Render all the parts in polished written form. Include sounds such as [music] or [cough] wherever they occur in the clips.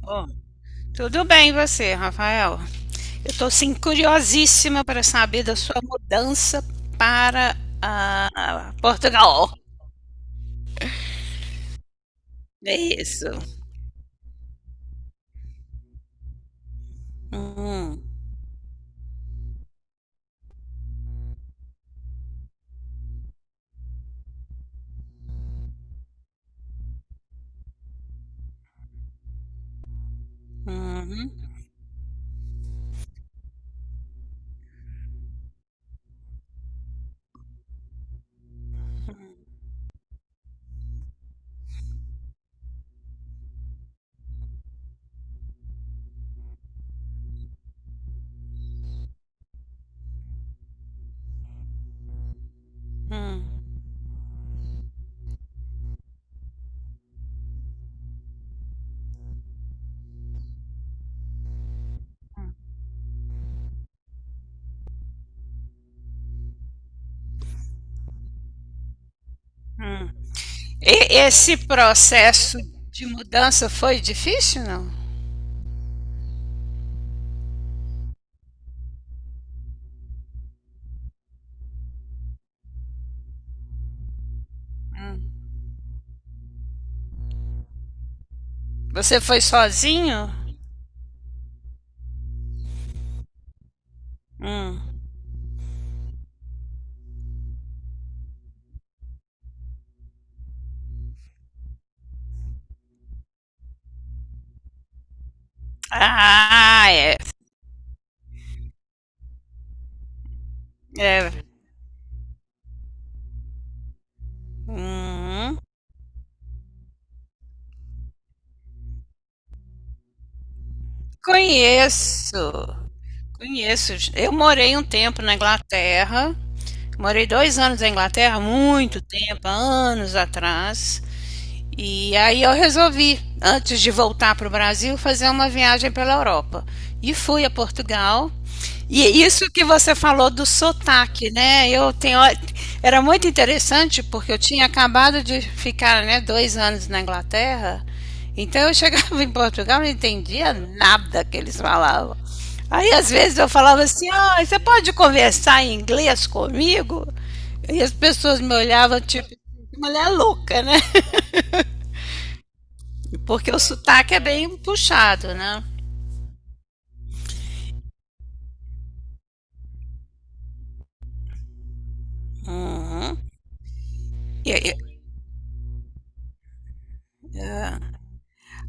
Bom, tudo bem você, Rafael? Eu estou sim curiosíssima para saber da sua mudança para Portugal. É isso. Hum, uhum, hum, hum. E esse processo de mudança foi difícil, não? Hum. Você foi sozinho? Hum. Ah, é. É. Hum. Conheço. Conheço. Eu morei um tempo na Inglaterra. Morei dois anos na Inglaterra, muito tempo, anos atrás. E aí eu resolvi, antes de voltar para o Brasil, fazer uma viagem pela Europa. E fui a Portugal. E isso que você falou do sotaque, né? Era muito interessante porque eu tinha acabado de ficar, né, dois anos na Inglaterra. Então eu chegava [laughs] em Portugal e não entendia nada que eles falavam. Aí às vezes eu falava assim, ah, você pode conversar em inglês comigo? E as pessoas me olhavam tipo, mulher louca, né? Porque o sotaque é bem puxado, né? Uhum. E, e, é.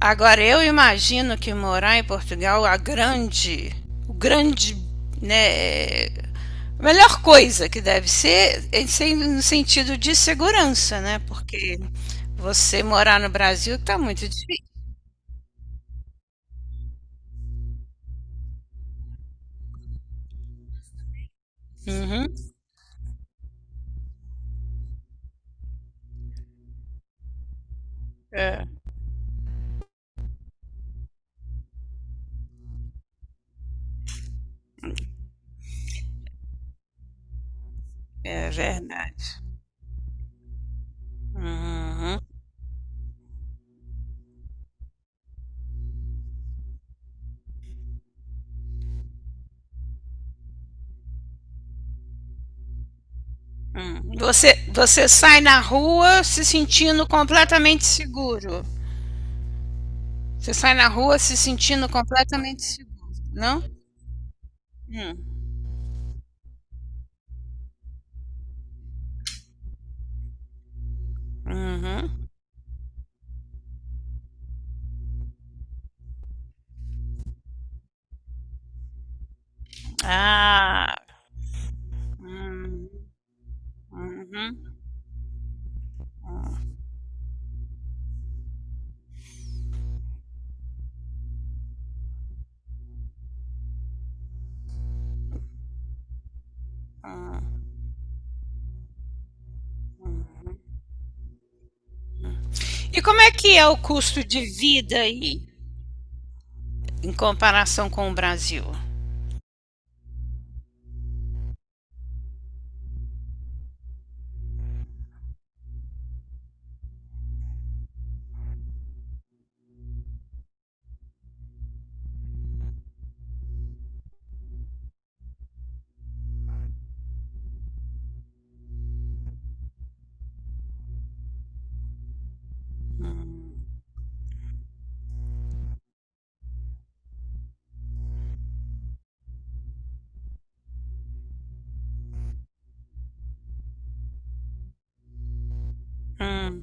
Agora, eu imagino que morar em Portugal, o grande, né, a melhor coisa que deve ser, é ser no sentido de segurança, né? Porque você morar no Brasil tá muito difícil. Uhum. É, é verdade. Uhum. Uhum. Você sai na rua se sentindo completamente seguro. Você sai na rua se sentindo completamente seguro, não? Hum. Uhum. Ah. Hum, uhum. E como é que é o custo de vida aí em comparação com o Brasil? Hum,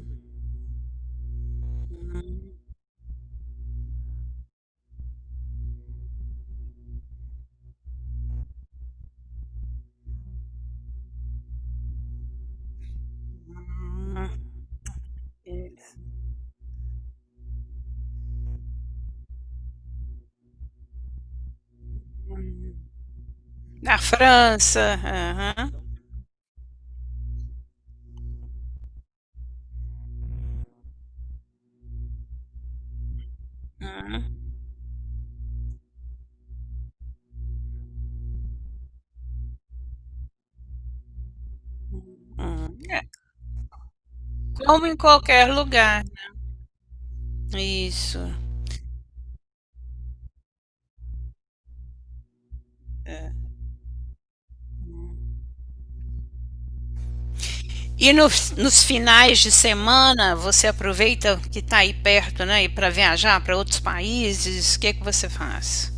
uhum. Na França. Aham. Uhum. Uhum. É, como em qualquer lugar. Isso. E nos finais de semana você aproveita que está aí perto, né, e para viajar para outros países. O que é que você faz?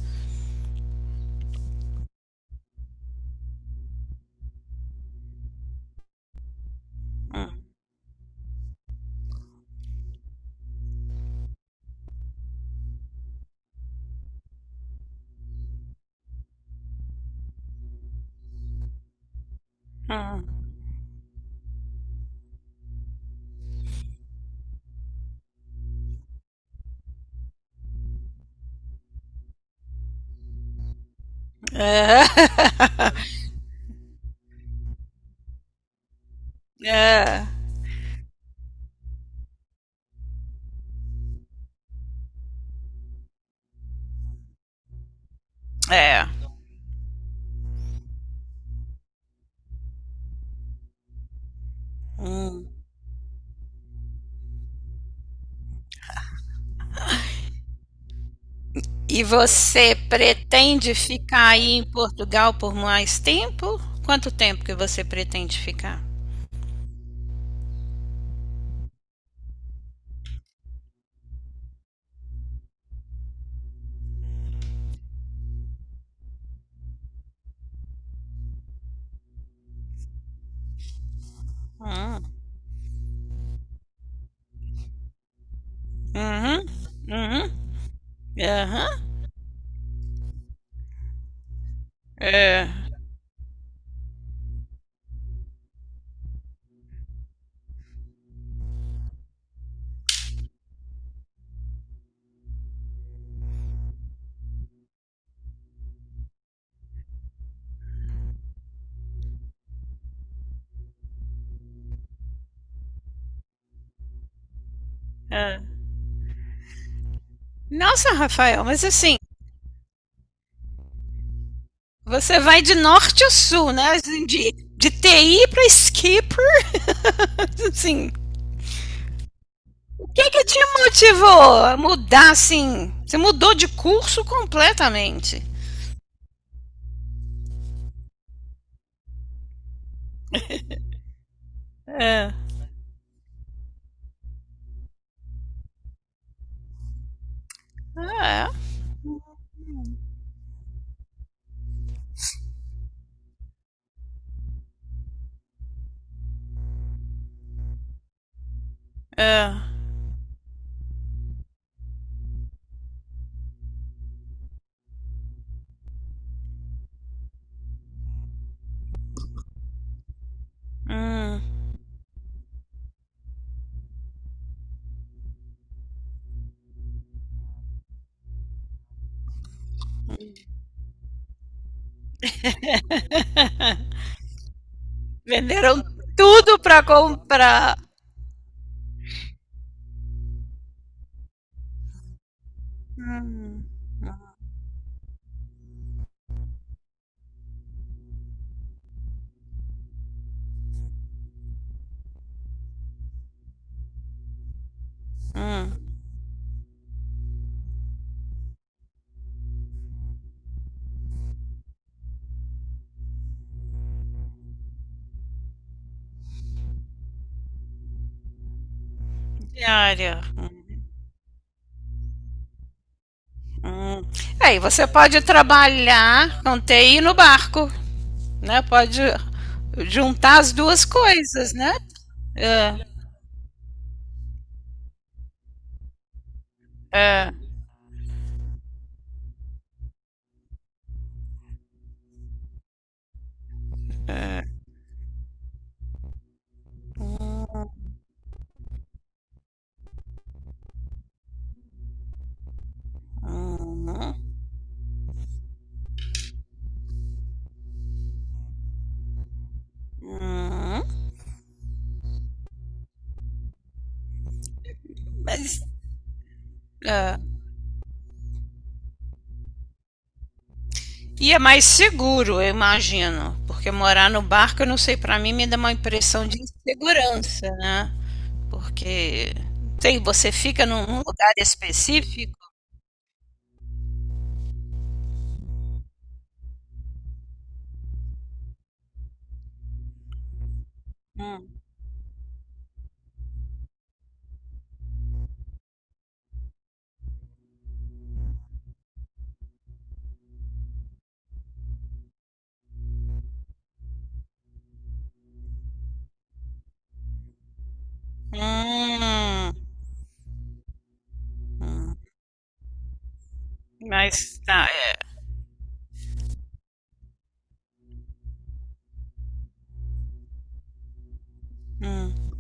Uhum. É. [laughs] É. É. E você pretende ficar aí em Portugal por mais tempo? Quanto tempo que você pretende ficar? Hum. Uhum. Uhum. Aham. É. É. Nossa, Rafael, mas assim, você vai de norte a sul, né? Assim, de TI para esqui, pra, [laughs] assim. O que que te motivou a mudar, assim? Você mudou de curso completamente. É. É. É. Hum, venderam tudo para comprar hum, diária. Hum. Aí você pode trabalhar com TI no barco, né? Pode juntar as duas coisas, né? É, é. Hum, hum, mas, é. E é mais seguro, eu imagino, porque morar no barco, eu não sei, para mim me dá uma impressão de insegurança, né? Porque tem, você fica num num lugar específico. Hum. Hum, mas tá, é. Hum,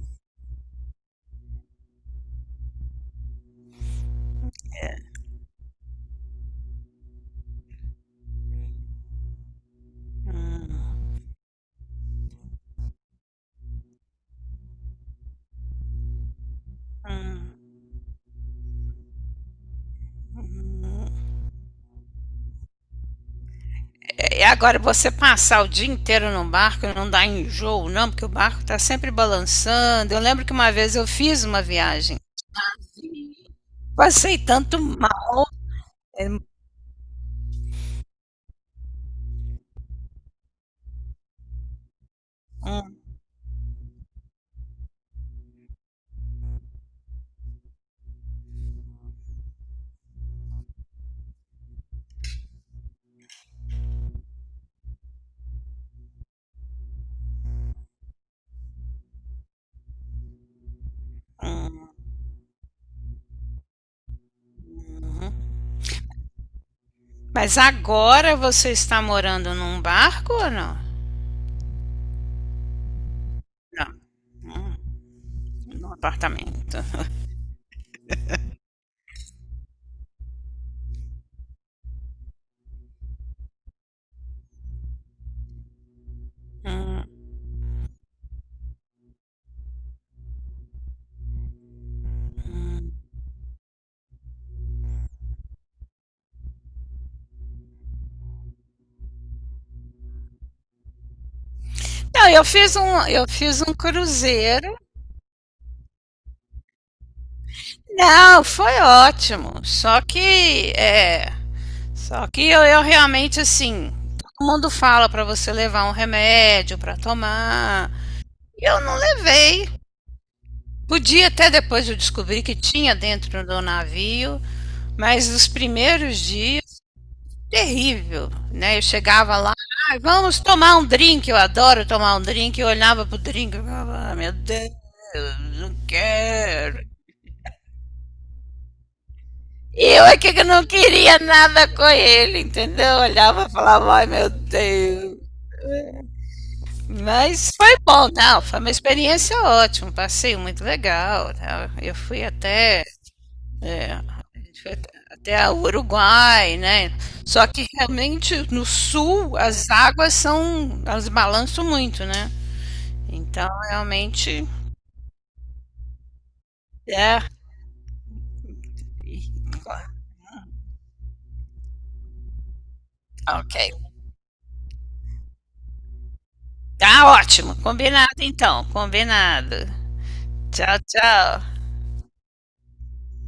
hum. É, e agora você passar o dia inteiro no barco não dá enjoo, não, porque o barco tá sempre balançando. Eu lembro que uma vez eu fiz uma viagem. Passei tanto mal. É, hum. Mas agora você está morando num barco ou não? Não, num apartamento. Hum. Não, eu fiz um cruzeiro. Não, foi ótimo. Só que é, só que eu realmente, assim, todo mundo fala para você levar um remédio para tomar. Eu não levei. Podia até depois eu descobrir que tinha dentro do navio, mas nos primeiros dias, terrível, né? Eu chegava lá, ah, vamos tomar um drink, eu adoro tomar um drink, eu olhava pro drink, eu falava, ah, meu Deus, não quero. Eu é que não queria nada com ele, entendeu? Eu olhava e falava, ai, meu Deus. Mas foi bom, não, foi uma experiência ótima, um passeio muito legal, né? Eu fui até, é, a gente foi até até o Uruguai, né? Só que realmente no sul as águas são, elas balançam muito, né? Então realmente é. Ok. Tá ótimo, combinado então, combinado. Tchau, tchau.